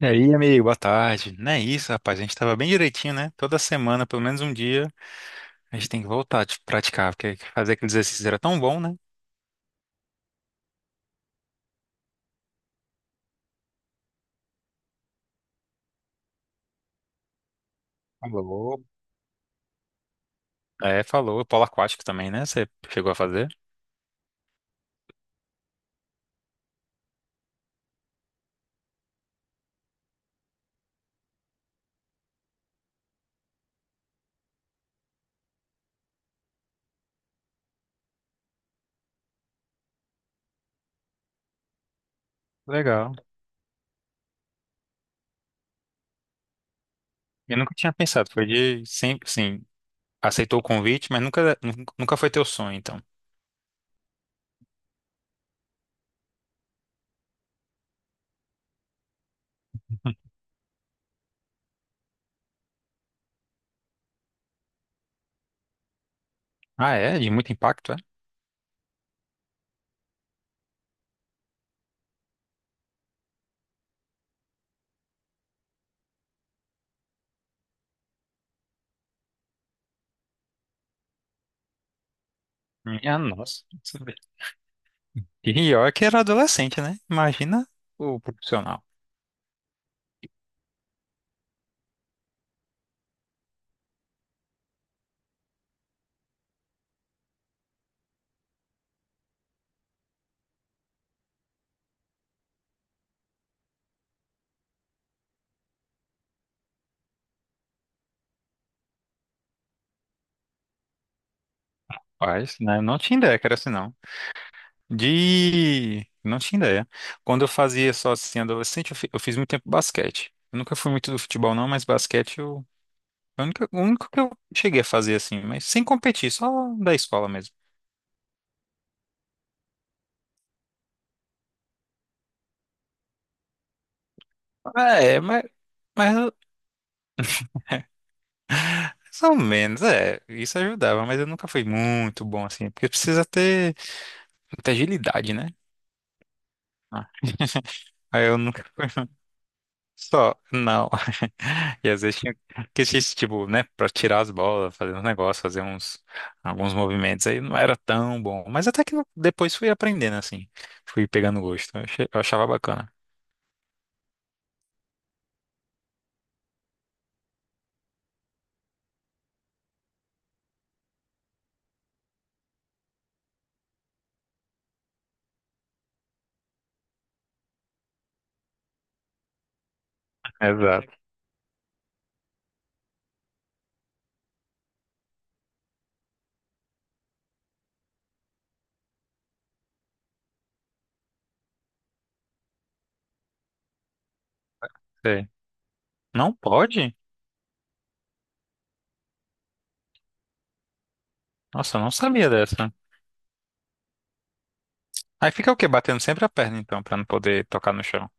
E aí, amigo, boa tarde. Não é isso, rapaz. A gente tava bem direitinho, né? Toda semana, pelo menos um dia, a gente tem que voltar a praticar, porque fazer aqueles exercícios era tão bom, né? Falou. É, falou. Polo aquático também, né? Você chegou a fazer? Legal. Eu nunca tinha pensado. Foi de sempre, sim, aceitou o convite, mas nunca, nunca foi teu sonho, então. Ah, é? De muito impacto, é? Minha nossa. E pior que era adolescente, né? Imagina o profissional. Rapaz, né? Não tinha ideia que era assim, não. De. Não tinha ideia. Quando eu fazia só assim, adolescente, eu fiz muito tempo basquete. Eu nunca fui muito do futebol, não, mas basquete é o único que eu cheguei a fazer assim, mas sem competir, só da escola mesmo. É, mas mais ou menos, é. Isso ajudava, mas eu nunca fui muito bom assim, porque precisa ter muita agilidade, né? Aí eu nunca. Só, não. E às vezes tinha que assistir, tipo, né, pra tirar as bolas, fazer uns negócios, alguns movimentos. Aí não era tão bom. Mas até que eu depois fui aprendendo, assim. Fui pegando gosto. Eu achava bacana. Exato. Sei. Não pode? Nossa, eu não sabia dessa. Aí fica o quê? Batendo sempre a perna, então, pra não poder tocar no chão.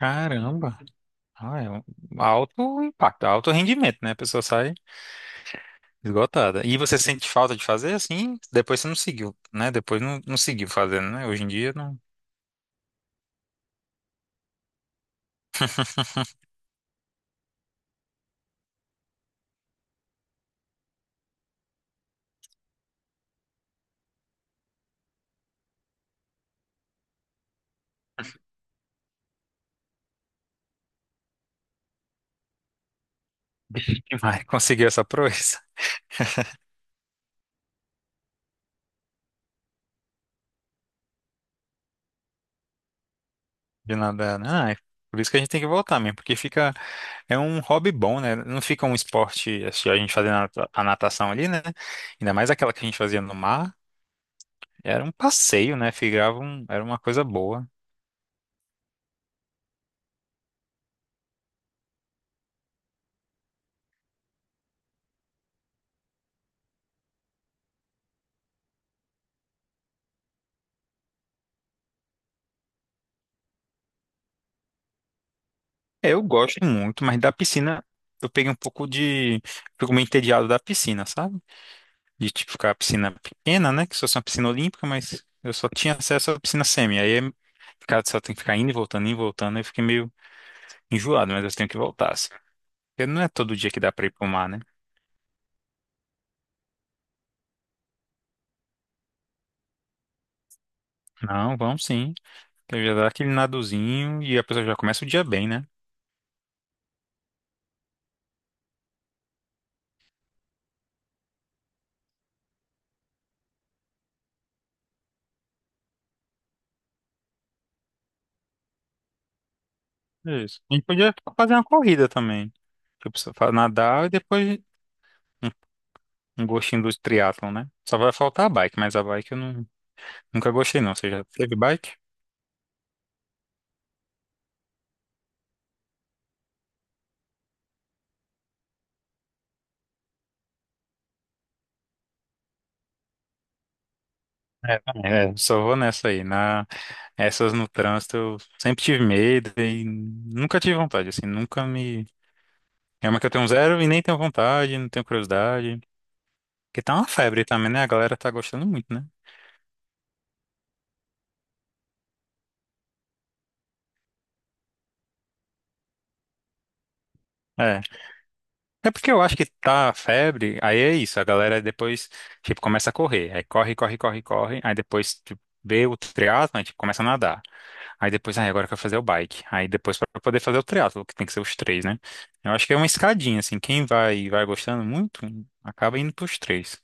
Caramba. Ah, é um alto impacto, alto rendimento, né? A pessoa sai, esgotada. E você sente falta de fazer assim? Depois você não seguiu, né? Depois não seguiu fazendo, né? Hoje em dia não quem vai conseguir essa proeza de nadar, né? Ah, é por isso que a gente tem que voltar mesmo, porque fica. É um hobby bom, né? Não fica um esporte, assim, a gente fazendo a natação ali, né? Ainda mais aquela que a gente fazia no mar. Era um passeio, né? Era uma coisa boa. É, eu gosto muito, mas da piscina eu peguei um pouco de. Fico meio entediado da piscina, sabe? De tipo ficar a piscina pequena, né? Que só fosse uma piscina olímpica, mas eu só tinha acesso à piscina semi. Aí ficar, só tem que ficar indo e voltando, indo e voltando. Aí eu fiquei meio enjoado, mas eu tenho que voltar, assim. Porque não é todo dia que dá pra ir pro mar, né? Não, vamos sim. Então já dá aquele nadozinho e a pessoa já começa o dia bem, né? Isso. A gente podia fazer uma corrida também. Que a pessoa nadar e depois um, um gostinho do triatlon, né? Só vai faltar a bike, mas a bike eu não, nunca gostei, não. Você já teve bike? É, também. É, só vou nessa aí. Essas no trânsito eu sempre tive medo e nunca tive vontade, assim, nunca me. É uma que eu tenho zero e nem tenho vontade, não tenho curiosidade. Porque tá uma febre também, né? A galera tá gostando muito, né? É. É porque eu acho que tá febre, aí é isso, a galera depois, tipo, começa a correr. Aí corre, corre, corre, corre. Aí depois tipo, vê o triatlo, aí tipo, começa a nadar. Aí depois, aí agora eu quero fazer o bike. Aí depois pra poder fazer o triatlo, que tem que ser os três, né? Eu acho que é uma escadinha, assim, quem vai gostando muito, acaba indo pros três.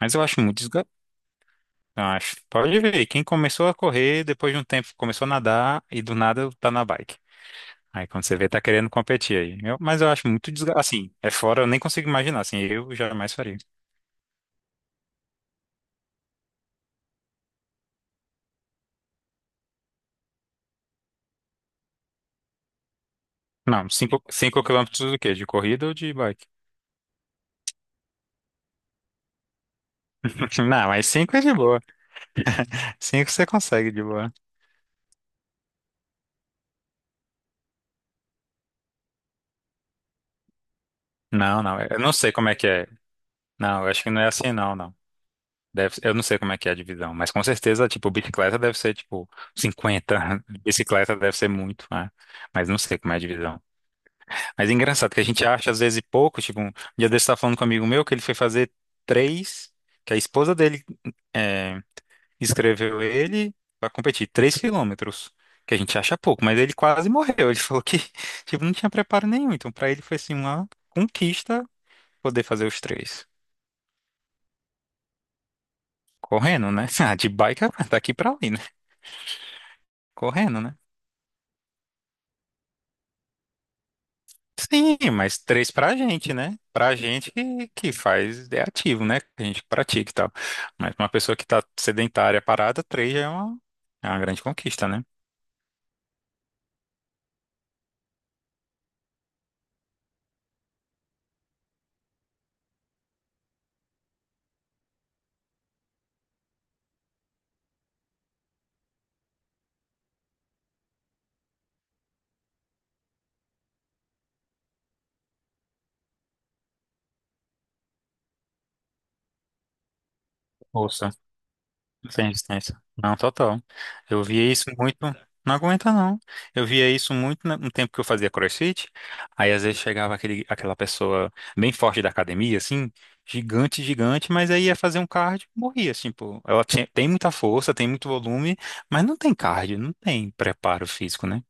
Mas eu acho muito desgastante. Acho. Pode ver, quem começou a correr, depois de um tempo começou a nadar e do nada tá na bike. Aí quando você vê, tá querendo competir aí. Mas eu acho muito desgastante. Assim, é fora, eu nem consigo imaginar. Assim, eu jamais faria. Não, 5 cinco, quilômetros do quê? De corrida ou de bike? Não, mas 5 é de boa. Cinco você consegue de boa. Não, não, eu não sei como é que é. Não, eu acho que não é assim, não, não. Deve, eu não sei como é que é a divisão, mas com certeza, tipo, bicicleta deve ser, tipo, 50. Bicicleta deve ser muito, né? Mas não sei como é a divisão. Mas é engraçado que a gente acha, às vezes, pouco. Tipo, um dia desse eu tava falando com um amigo meu que ele foi fazer três, que a esposa dele é, escreveu ele pra competir, 3 km, que a gente acha pouco, mas ele quase morreu. Ele falou que, tipo, não tinha preparo nenhum. Então, pra ele foi, assim, uma conquista poder fazer os três. Correndo, né? Ah, de bike, ah, daqui pra ali, né? Correndo, né? Sim, mas três pra gente, né? Pra gente que faz, é ativo, né? Que a gente pratica e tal. Mas uma pessoa que tá sedentária, parada, três já é uma grande conquista, né? Ou sem distância. Não, total. Eu via isso muito. Não aguenta, não. Eu via isso muito no tempo que eu fazia CrossFit. Aí às vezes chegava aquela pessoa bem forte da academia, assim, gigante, gigante, mas aí ia fazer um cardio, morria, assim, pô. Ela tem muita força, tem muito volume, mas não tem cardio, não tem preparo físico, né?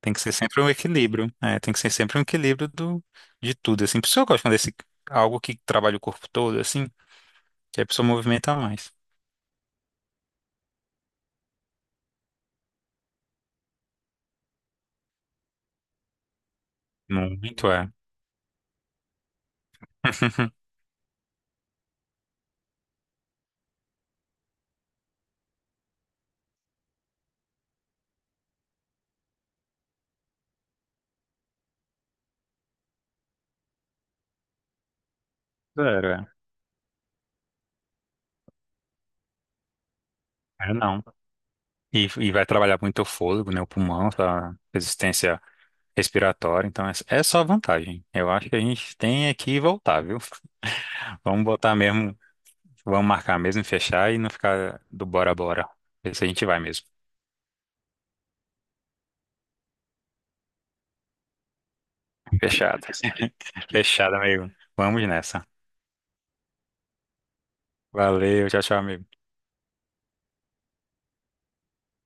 Tem que ser sempre um equilíbrio. É, tem que ser sempre um equilíbrio de tudo, assim. Por isso que eu gosto quando algo que trabalha o corpo todo, assim, que a pessoa movimenta mais. Muito é. Zero, é. É, não. E vai trabalhar muito o fôlego, né? O pulmão, a resistência respiratória. Então, é só vantagem. Eu acho que a gente tem aqui voltar, viu? Vamos botar mesmo, vamos marcar mesmo, fechar e não ficar do bora bora. Ver se a gente vai mesmo. Fechado. Fechado, amigo. Vamos nessa. Valeu, tchau, tchau, amigo.